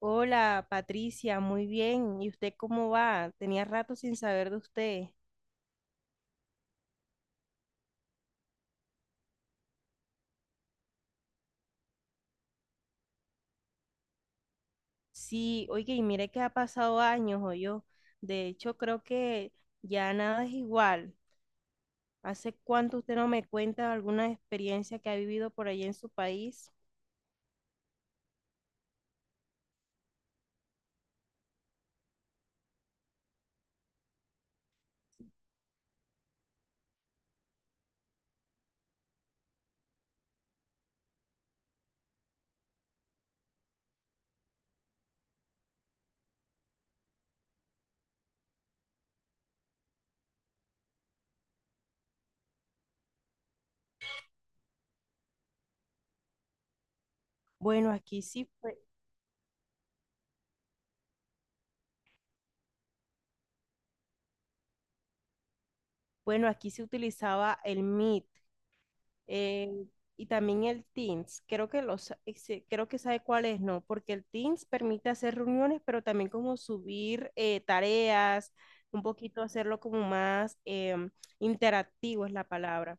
Hola Patricia, muy bien. ¿Y usted cómo va? Tenía rato sin saber de usted. Sí, oye, y mire que ha pasado años, o yo. De hecho, creo que ya nada es igual. ¿Hace cuánto usted no me cuenta alguna experiencia que ha vivido por allá en su país? Bueno, aquí sí fue- bueno, aquí se utilizaba el Meet. eh, y también el Teams. Creo que creo que sabe cuál es, ¿no? Porque el Teams permite hacer reuniones, pero también como subir tareas, un poquito hacerlo como más interactivo es la palabra.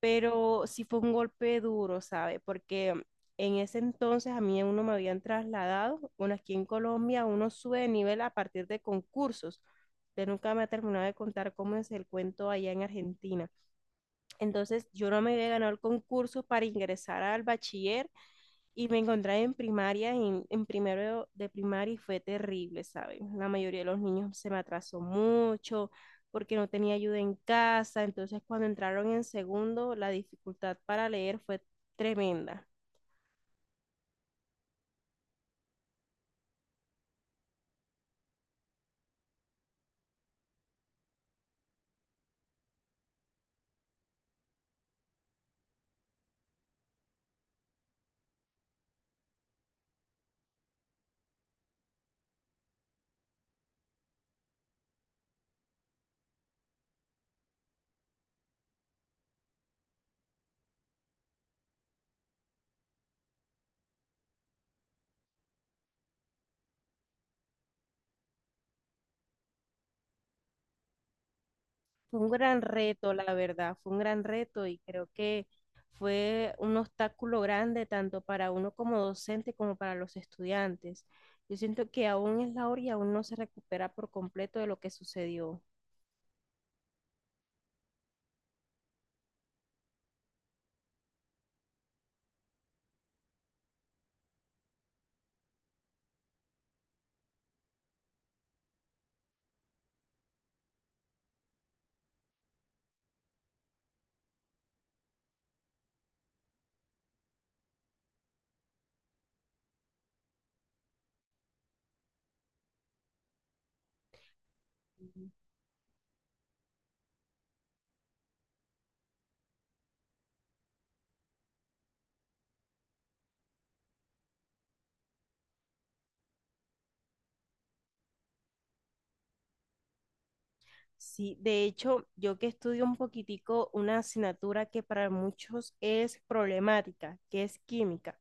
Pero sí fue un golpe duro, ¿sabe? Porque en ese entonces a mí uno me habían trasladado, bueno, aquí en Colombia uno sube de nivel a partir de concursos. Usted nunca me ha terminado de contar cómo es el cuento allá en Argentina. Entonces yo no me había ganado el concurso para ingresar al bachiller y me encontré en primaria, en primero de primaria y fue terrible, ¿sabes? La mayoría de los niños se me atrasó mucho porque no tenía ayuda en casa, entonces cuando entraron en segundo la dificultad para leer fue tremenda. Fue un gran reto, la verdad, fue un gran reto y creo que fue un obstáculo grande tanto para uno como docente como para los estudiantes. Yo siento que aún es la hora y aún no se recupera por completo de lo que sucedió. Ujú. Sí, de hecho, yo que estudio un poquitico una asignatura que para muchos es problemática, que es química.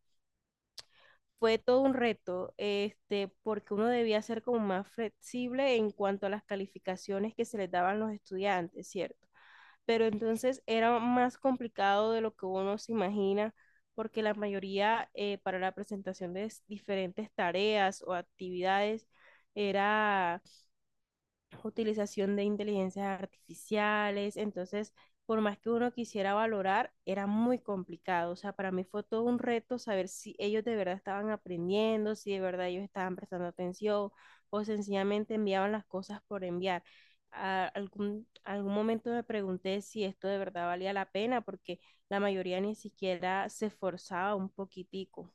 Fue todo un reto, este, porque uno debía ser como más flexible en cuanto a las calificaciones que se les daban los estudiantes, ¿cierto? Pero entonces era más complicado de lo que uno se imagina, porque la mayoría para la presentación de diferentes tareas o actividades era utilización de inteligencias artificiales, entonces por más que uno quisiera valorar, era muy complicado. O sea, para mí fue todo un reto saber si ellos de verdad estaban aprendiendo, si de verdad ellos estaban prestando atención o sencillamente enviaban las cosas por enviar. A algún momento me pregunté si esto de verdad valía la pena porque la mayoría ni siquiera se esforzaba un poquitico.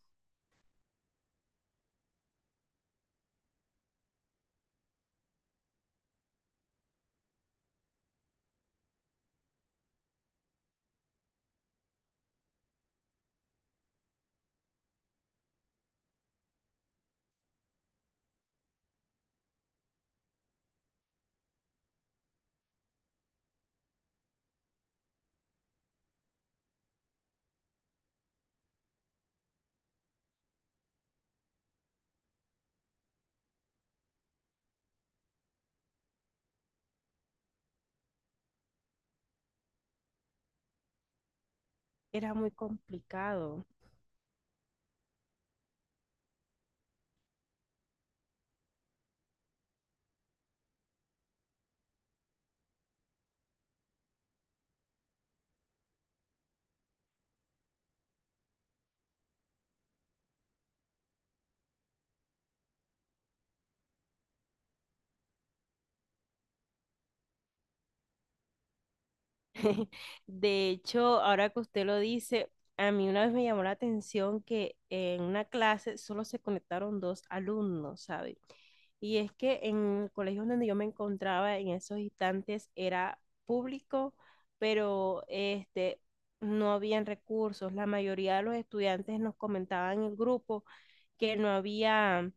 Era muy complicado. De hecho, ahora que usted lo dice, a mí una vez me llamó la atención que en una clase solo se conectaron dos alumnos, ¿sabe? Y es que en el colegio donde yo me encontraba en esos instantes era público, pero este, no habían recursos. La mayoría de los estudiantes nos comentaban en el grupo que no había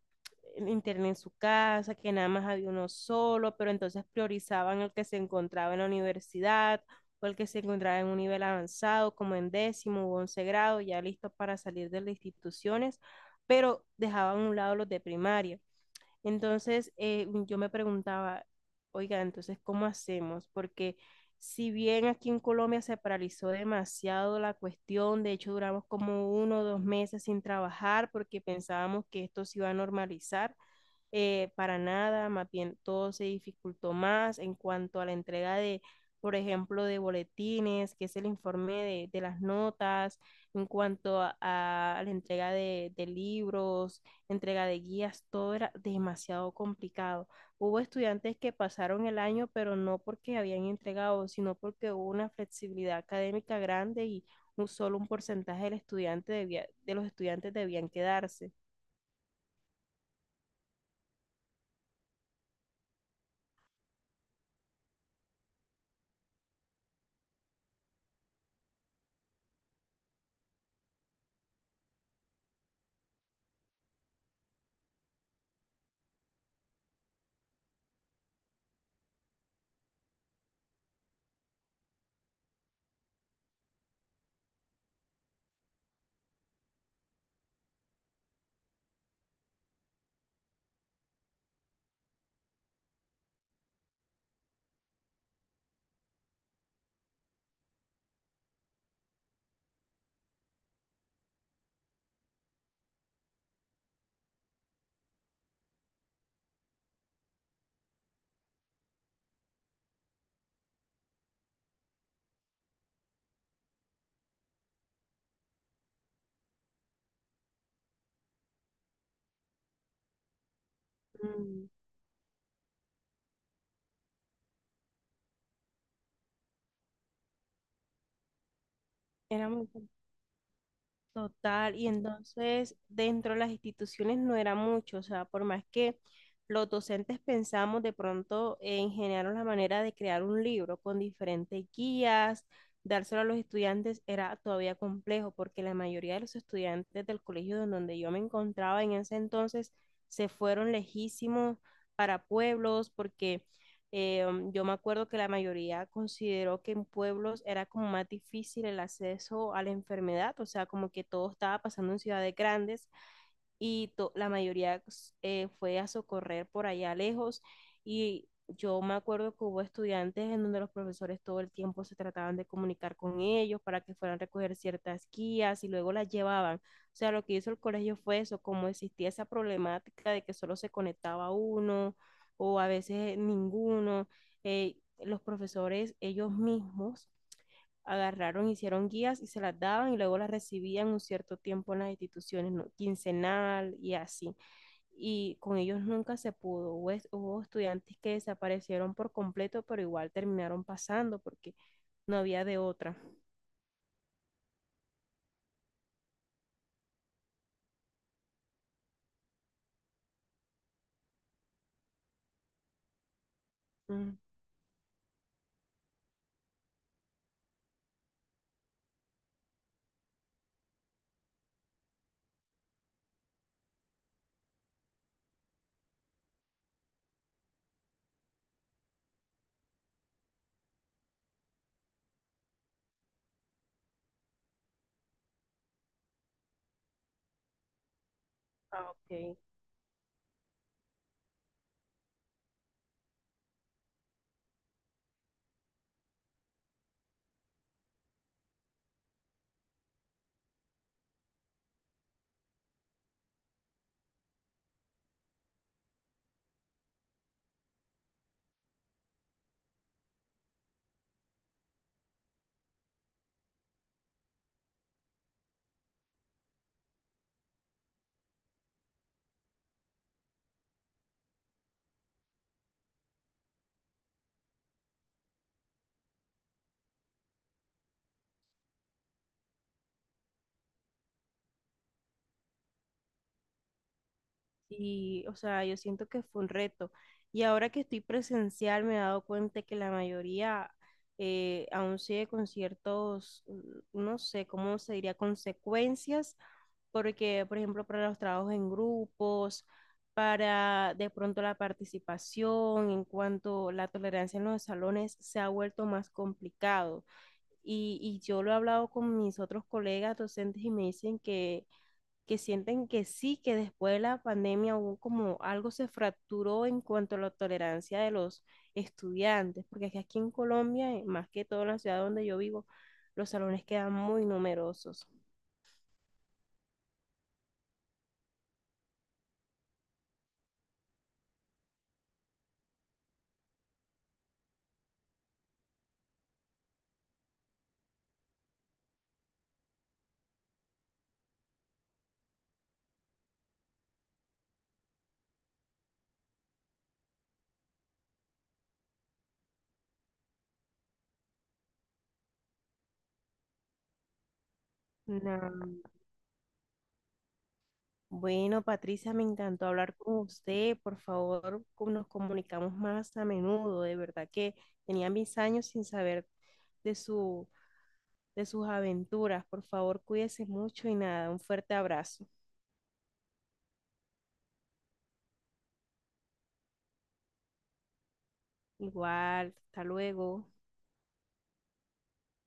internet en su casa, que nada más había uno solo, pero entonces priorizaban el que se encontraba en la universidad o el que se encontraba en un nivel avanzado, como en décimo u once grado, ya listos para salir de las instituciones, pero dejaban a un lado los de primaria. Entonces, yo me preguntaba, oiga, entonces, ¿cómo hacemos? Porque si bien aquí en Colombia se paralizó demasiado la cuestión, de hecho duramos como uno o dos meses sin trabajar porque pensábamos que esto se iba a normalizar, para nada, más bien todo se dificultó más en cuanto a la entrega por ejemplo, de boletines, que es el informe de las notas, en cuanto a la entrega libros, entrega de guías, todo era demasiado complicado. Hubo estudiantes que pasaron el año, pero no porque habían entregado, sino porque hubo una flexibilidad académica grande y solo un porcentaje de los estudiantes debían quedarse. Mm, era muy Total, y entonces dentro de las instituciones no era mucho, o sea, por más que los docentes pensamos de pronto en generar la manera de crear un libro con diferentes guías, dárselo a los estudiantes era todavía complejo porque la mayoría de los estudiantes del colegio en donde yo me encontraba en ese entonces se fueron lejísimos para pueblos porque eh, yo me acuerdo que la mayoría consideró que en pueblos era como más difícil el acceso a la enfermedad, o sea, como que todo estaba pasando en ciudades grandes y la mayoría fue a socorrer por allá lejos y yo me acuerdo que hubo estudiantes en donde los profesores todo el tiempo se trataban de comunicar con ellos para que fueran a recoger ciertas guías y luego las llevaban. O sea, lo que hizo el colegio fue eso, como existía esa problemática de que solo se conectaba uno o a veces ninguno, los profesores ellos mismos agarraron, hicieron guías y se las daban y luego las recibían un cierto tiempo en las instituciones, ¿no? Quincenal y así. Y con ellos nunca se pudo. Hubo estudiantes que desaparecieron por completo, pero igual terminaron pasando porque no había de otra. Mm, ah, ok. Y, o sea, yo siento que fue un reto. Y ahora que estoy presencial, me he dado cuenta que la mayoría aún sigue con ciertos, no sé cómo se diría, consecuencias porque, por ejemplo, para los trabajos en grupos, para de pronto la participación, en cuanto la tolerancia en los salones, se ha vuelto más complicado. Y yo lo he hablado con mis otros colegas docentes y me dicen que sienten que sí, que después de la pandemia hubo como algo se fracturó en cuanto a la tolerancia de los estudiantes, porque aquí en Colombia, más que todo en la ciudad donde yo vivo, los salones quedan muy numerosos. No. Bueno, Patricia, me encantó hablar con usted. Por favor, nos comunicamos más a menudo. De verdad que tenía mis años sin saber de su, de sus aventuras. Por favor, cuídese mucho y nada, un fuerte abrazo. Igual, hasta luego.